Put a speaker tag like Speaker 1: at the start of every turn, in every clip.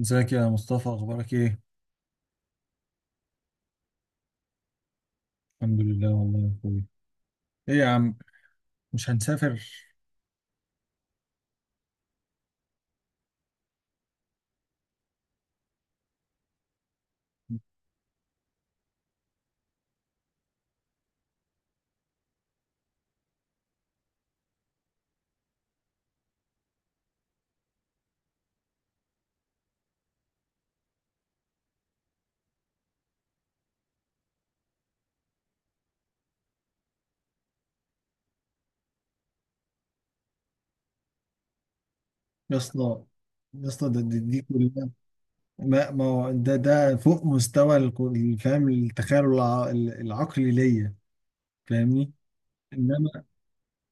Speaker 1: ازيك يا مصطفى؟ اخبارك ايه؟ الحمد لله والله يا اخوي. ايه يا عم؟ مش هنسافر. يا اسطى، يا اسطى ده دي كلها. ما هو ده فوق مستوى فاهم؟ التخيل العقلي ليا، فاهمني؟ انما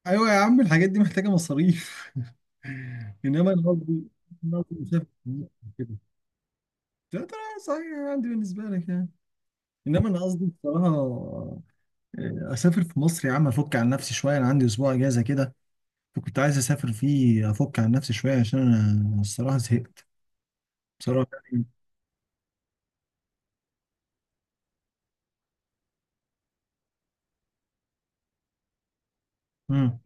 Speaker 1: ايوه يا عم، الحاجات دي محتاجه مصاريف. انما انا قصدي، انا قصدي مسافر كده، لا ترى. صحيح عندي بالنسبه لك يعني، انما انا قصدي بصراحه، اسافر في مصر يا عم، افك عن نفسي شويه. انا عندي اسبوع اجازه كده، فكنت عايز اسافر فيه افك عن نفسي شويه، عشان انا الصراحه زهقت بصراحه يعني. امم.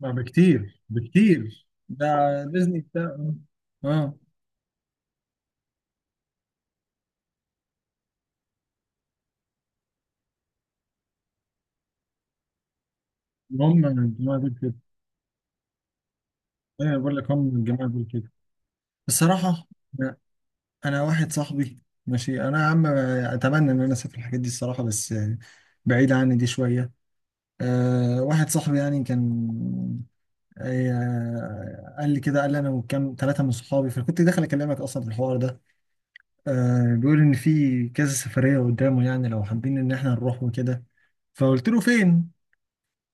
Speaker 1: لا، بكتير، بكتير ده. ديزني بتاع؟ اه. هم الجماعة دول كده، ايه بقول لك، هم الجماعة دول كده الصراحه. انا، أنا واحد صاحبي ماشي، انا يا عم اتمنى ان انا اسافر الحاجات دي الصراحه، بس بعيد عني دي شويه. أه، واحد صاحبي يعني كان، قال لي كده، قال لي انا وكام ثلاثه من صحابي، فكنت داخل اكلمك اصلا في الحوار ده. آه، بيقول ان في كذا سفريه قدامه يعني، لو حابين ان احنا نروح وكده. فقلت له فين؟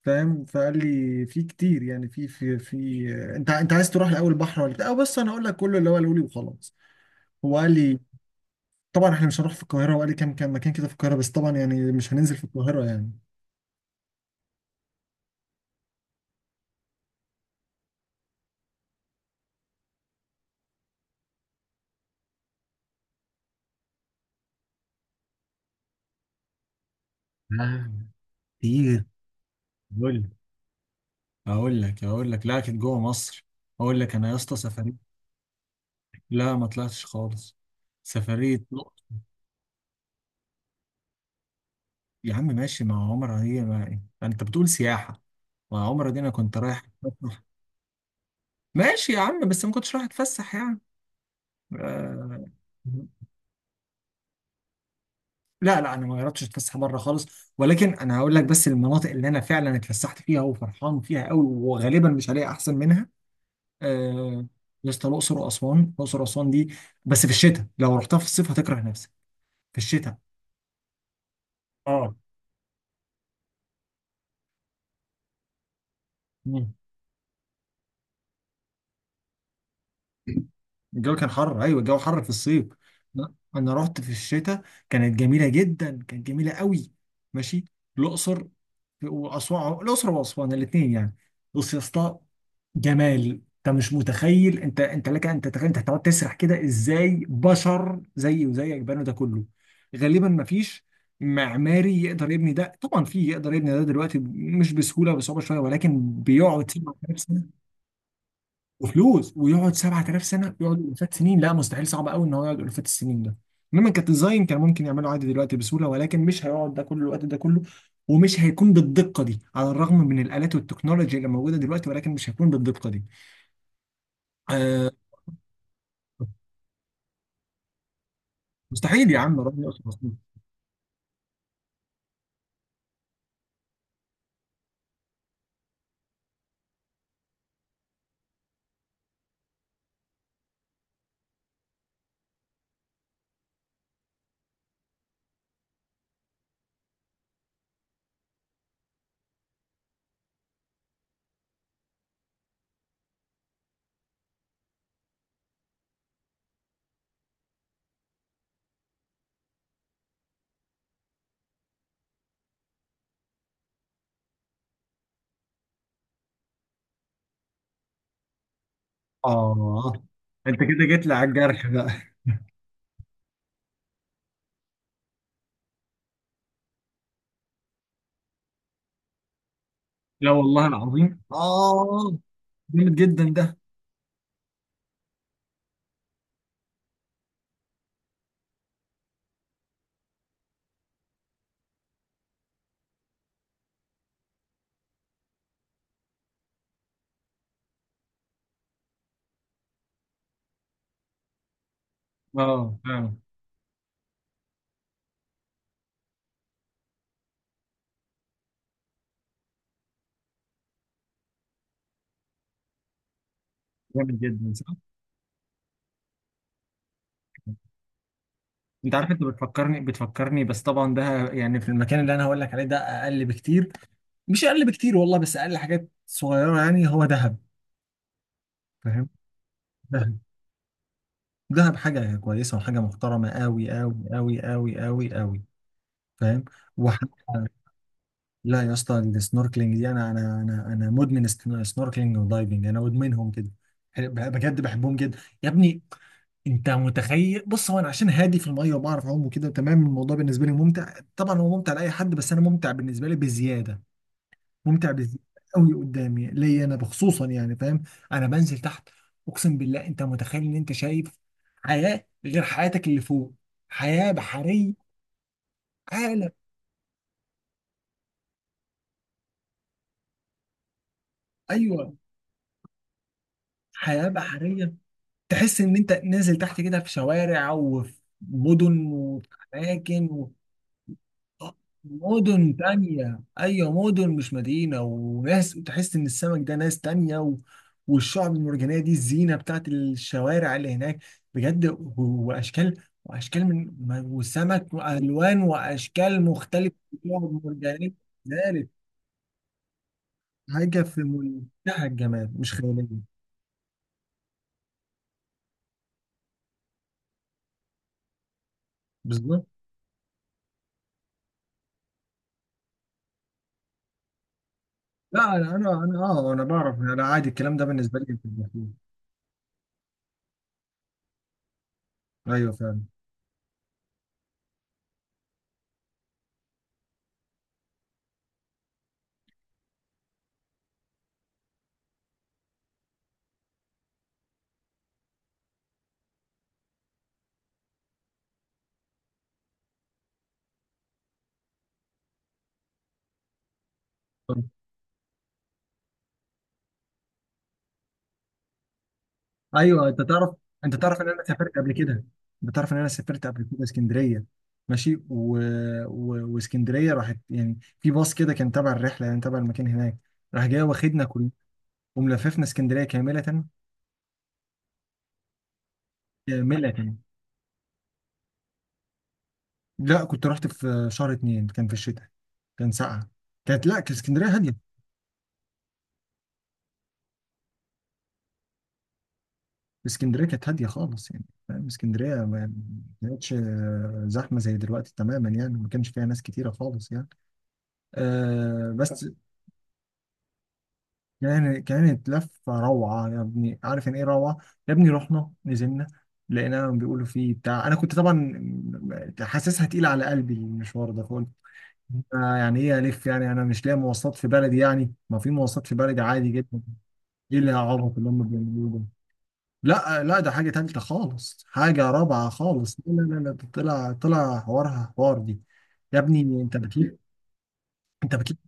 Speaker 1: فاهم؟ فقال لي في كتير يعني، في انت عايز تروح الاول بحر ولا بتاع؟ بص انا هقول لك كله اللي هو قاله لي وخلاص. هو قال لي طبعا احنا مش هنروح في القاهره، وقال لي كام مكان كده في القاهره، بس طبعا يعني مش هننزل في القاهره يعني. لا كتير. قول. اقول لك، اقول لك، لا كانت جوه مصر. اقول لك انا يا اسطى سفريه. لا ما طلعتش خالص. سفريه. يا عم ماشي، ما هو عمرة هي، ما انت بتقول سياحة. ما عمرة دي انا كنت رايح أتفسح. ماشي يا عم، بس ما كنتش رايح اتفسح يعني. آه... لا لا، انا ما جربتش اتفسح بره خالص، ولكن انا هقول لك بس المناطق اللي انا فعلا اتفسحت فيها وفرحان فيها قوي، وغالبا مش هلاقي احسن منها. آه... يا اسطى الاقصر واسوان، الاقصر واسوان دي بس في الشتاء، لو رحتها في الصيف هتكره نفسك. في الشتاء. اه. مم. الجو كان حر، ايوه الجو حر في الصيف. لا، انا رحت في الشتاء، كانت جميله جدا، كانت جميله قوي. ماشي. الاقصر واسوان، الاقصر واسوان الاثنين يعني. بص يا اسطى، جمال. انت مش متخيل، انت انت لك انت تخيل، انت هتقعد تسرح كده ازاي؟ بشر زيي وزيك بنوا ده كله؟ غالبا ما فيش معماري يقدر يبني ده، طبعا في يقدر يبني ده دلوقتي، مش بسهوله، بصعوبه شويه، ولكن بيقعد سنة وفلوس، ويقعد 7000 سنه، يقعد الافات سنين؟ لا مستحيل، صعب قوي ان هو يقعد الافات السنين ده. انما كديزاين كان ممكن يعمله عادي دلوقتي بسهوله، ولكن مش هيقعد ده كل الوقت ده كله، ومش هيكون بالدقه دي. على الرغم من الالات والتكنولوجيا اللي موجوده دلوقتي، ولكن مش هيكون بالدقه دي. آه. مستحيل يا عم، ربنا يستر مصروف. اه. انت كده جيت لي على الجرح بقى. لا والله العظيم، اه جامد جدا ده. اه فعلا، جامد جدا صح. انت عارف انت بتفكرني، بتفكرني، بس طبعا ده يعني في المكان اللي انا هقول لك عليه ده اقل بكتير، مش اقل بكتير والله، بس اقل حاجات صغيره يعني. هو دهب. فاهم. دهب. دهب حاجه كويسه وحاجه محترمه قوي قوي قوي قوي قوي قوي. فاهم. وحاجه. لا يا اسطى، السنوركلينج دي انا انا مدمن. سنوركلينج ودايفنج انا مدمنهم كده، بجد بحبهم جدا يا ابني. انت متخيل؟ بص هو انا عشان هادي في الميه وبعرف اعوم وكده، تمام الموضوع بالنسبه لي ممتع، طبعا هو ممتع لاي حد، بس انا ممتع بالنسبه لي بزياده، ممتع بزياده قوي قدامي ليا انا بخصوصا يعني، فاهم؟ انا بنزل تحت، اقسم بالله، انت متخيل ان انت شايف حياه غير حياتك اللي فوق؟ حياه بحريه. عالم. ايوه، حياه بحريه، تحس ان انت نازل تحت كده في شوارع وفي مدن وفي اماكن. مدن تانية، أيوة مدن، مش مدينة، وناس، تحس إن السمك ده ناس تانية، و... والشعب المرجانية دي الزينة بتاعت الشوارع اللي هناك، بجد. وأشكال وأشكال من ما- وسمك وألوان وأشكال مختلفة في الشعب المرجانية. ذلك حاجة في منتهى الجمال، مش خيالية. بالظبط. لا، أنا أنا أه أنا بعرف، أنا عادي الكلام ده بالنسبة لي في الجحيم. أيوة فعلا. ايوه، انت تعرف، انت تعرف ان انا سافرت قبل كده، انت تعرف ان انا سافرت قبل كده اسكندريه. ماشي، و... و... واسكندريه راحت يعني في باص كده كان تبع الرحله، يعني تبع المكان هناك، راح جاي واخدنا كل وملففنا اسكندريه كامله. كامله. لا كنت رحت في شهر اتنين، كان في الشتاء، كان ساقعه، كانت، لا كانت اسكندريه هاديه. اسكندريه كانت هاديه خالص يعني، فاهم؟ اسكندريه ما، ما كانتش زحمه زي دلوقتي تماما يعني، ما كانش فيها ناس كتيره خالص يعني. آه بس. يعني كانت لفة روعة يا ابني، عارف يعني ايه روعة؟ يا ابني رحنا نزلنا لقينا بيقولوا فيه بتاع، انا كنت طبعا حاسسها تقيلة على قلبي المشوار ده، فقلت آه يعني ايه الف يعني؟ انا مش لاقي مواصلات في بلدي يعني، ما في مواصلات في بلدي عادي جدا، ايه اللي عبط اللي هم بيعملوه ده؟ لا لا، ده حاجة تالتة خالص، حاجة رابعة خالص، لا لا لا لا، ده طلع، طلع حوارها حوار دي. يا ابني انت بتلف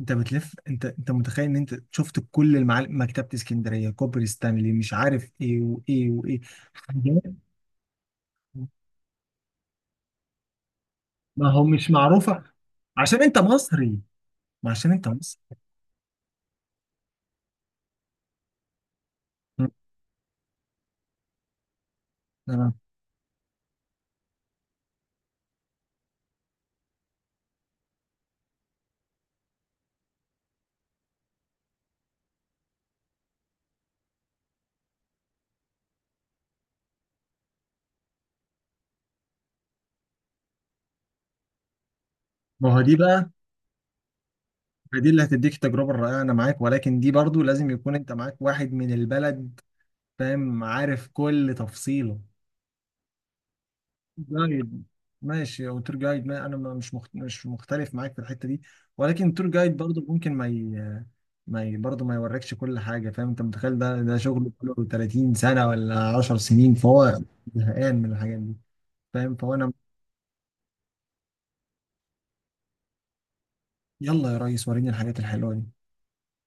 Speaker 1: انت بتلف انت، انت متخيل ان انت شفت كل المعالم؟ مكتبة اسكندرية، كوبري ستانلي، مش عارف ايه وايه وايه، حاجات. ما هو مش معروفة عشان انت مصري، ما عشان انت مصري. م. اه. ما هو دي بقى، ما دي اللي هتديك التجربة الرائعة، انا معاك، ولكن دي برضو لازم يكون انت معاك واحد من البلد، فاهم؟ عارف كل تفصيله. جايد. ماشي او تور جايد، ما انا مش مش مختلف معاك في الحته دي، ولكن تور جايد برضه ممكن ما ي... برضه ما يوريكش كل حاجه، فاهم؟ انت متخيل ده شغله كله 30 سنه ولا 10 سنين، فهو زهقان من الحاجات دي، فاهم؟ فهو انا. يلا يا ريس، وريني الحاجات الحلوه دي.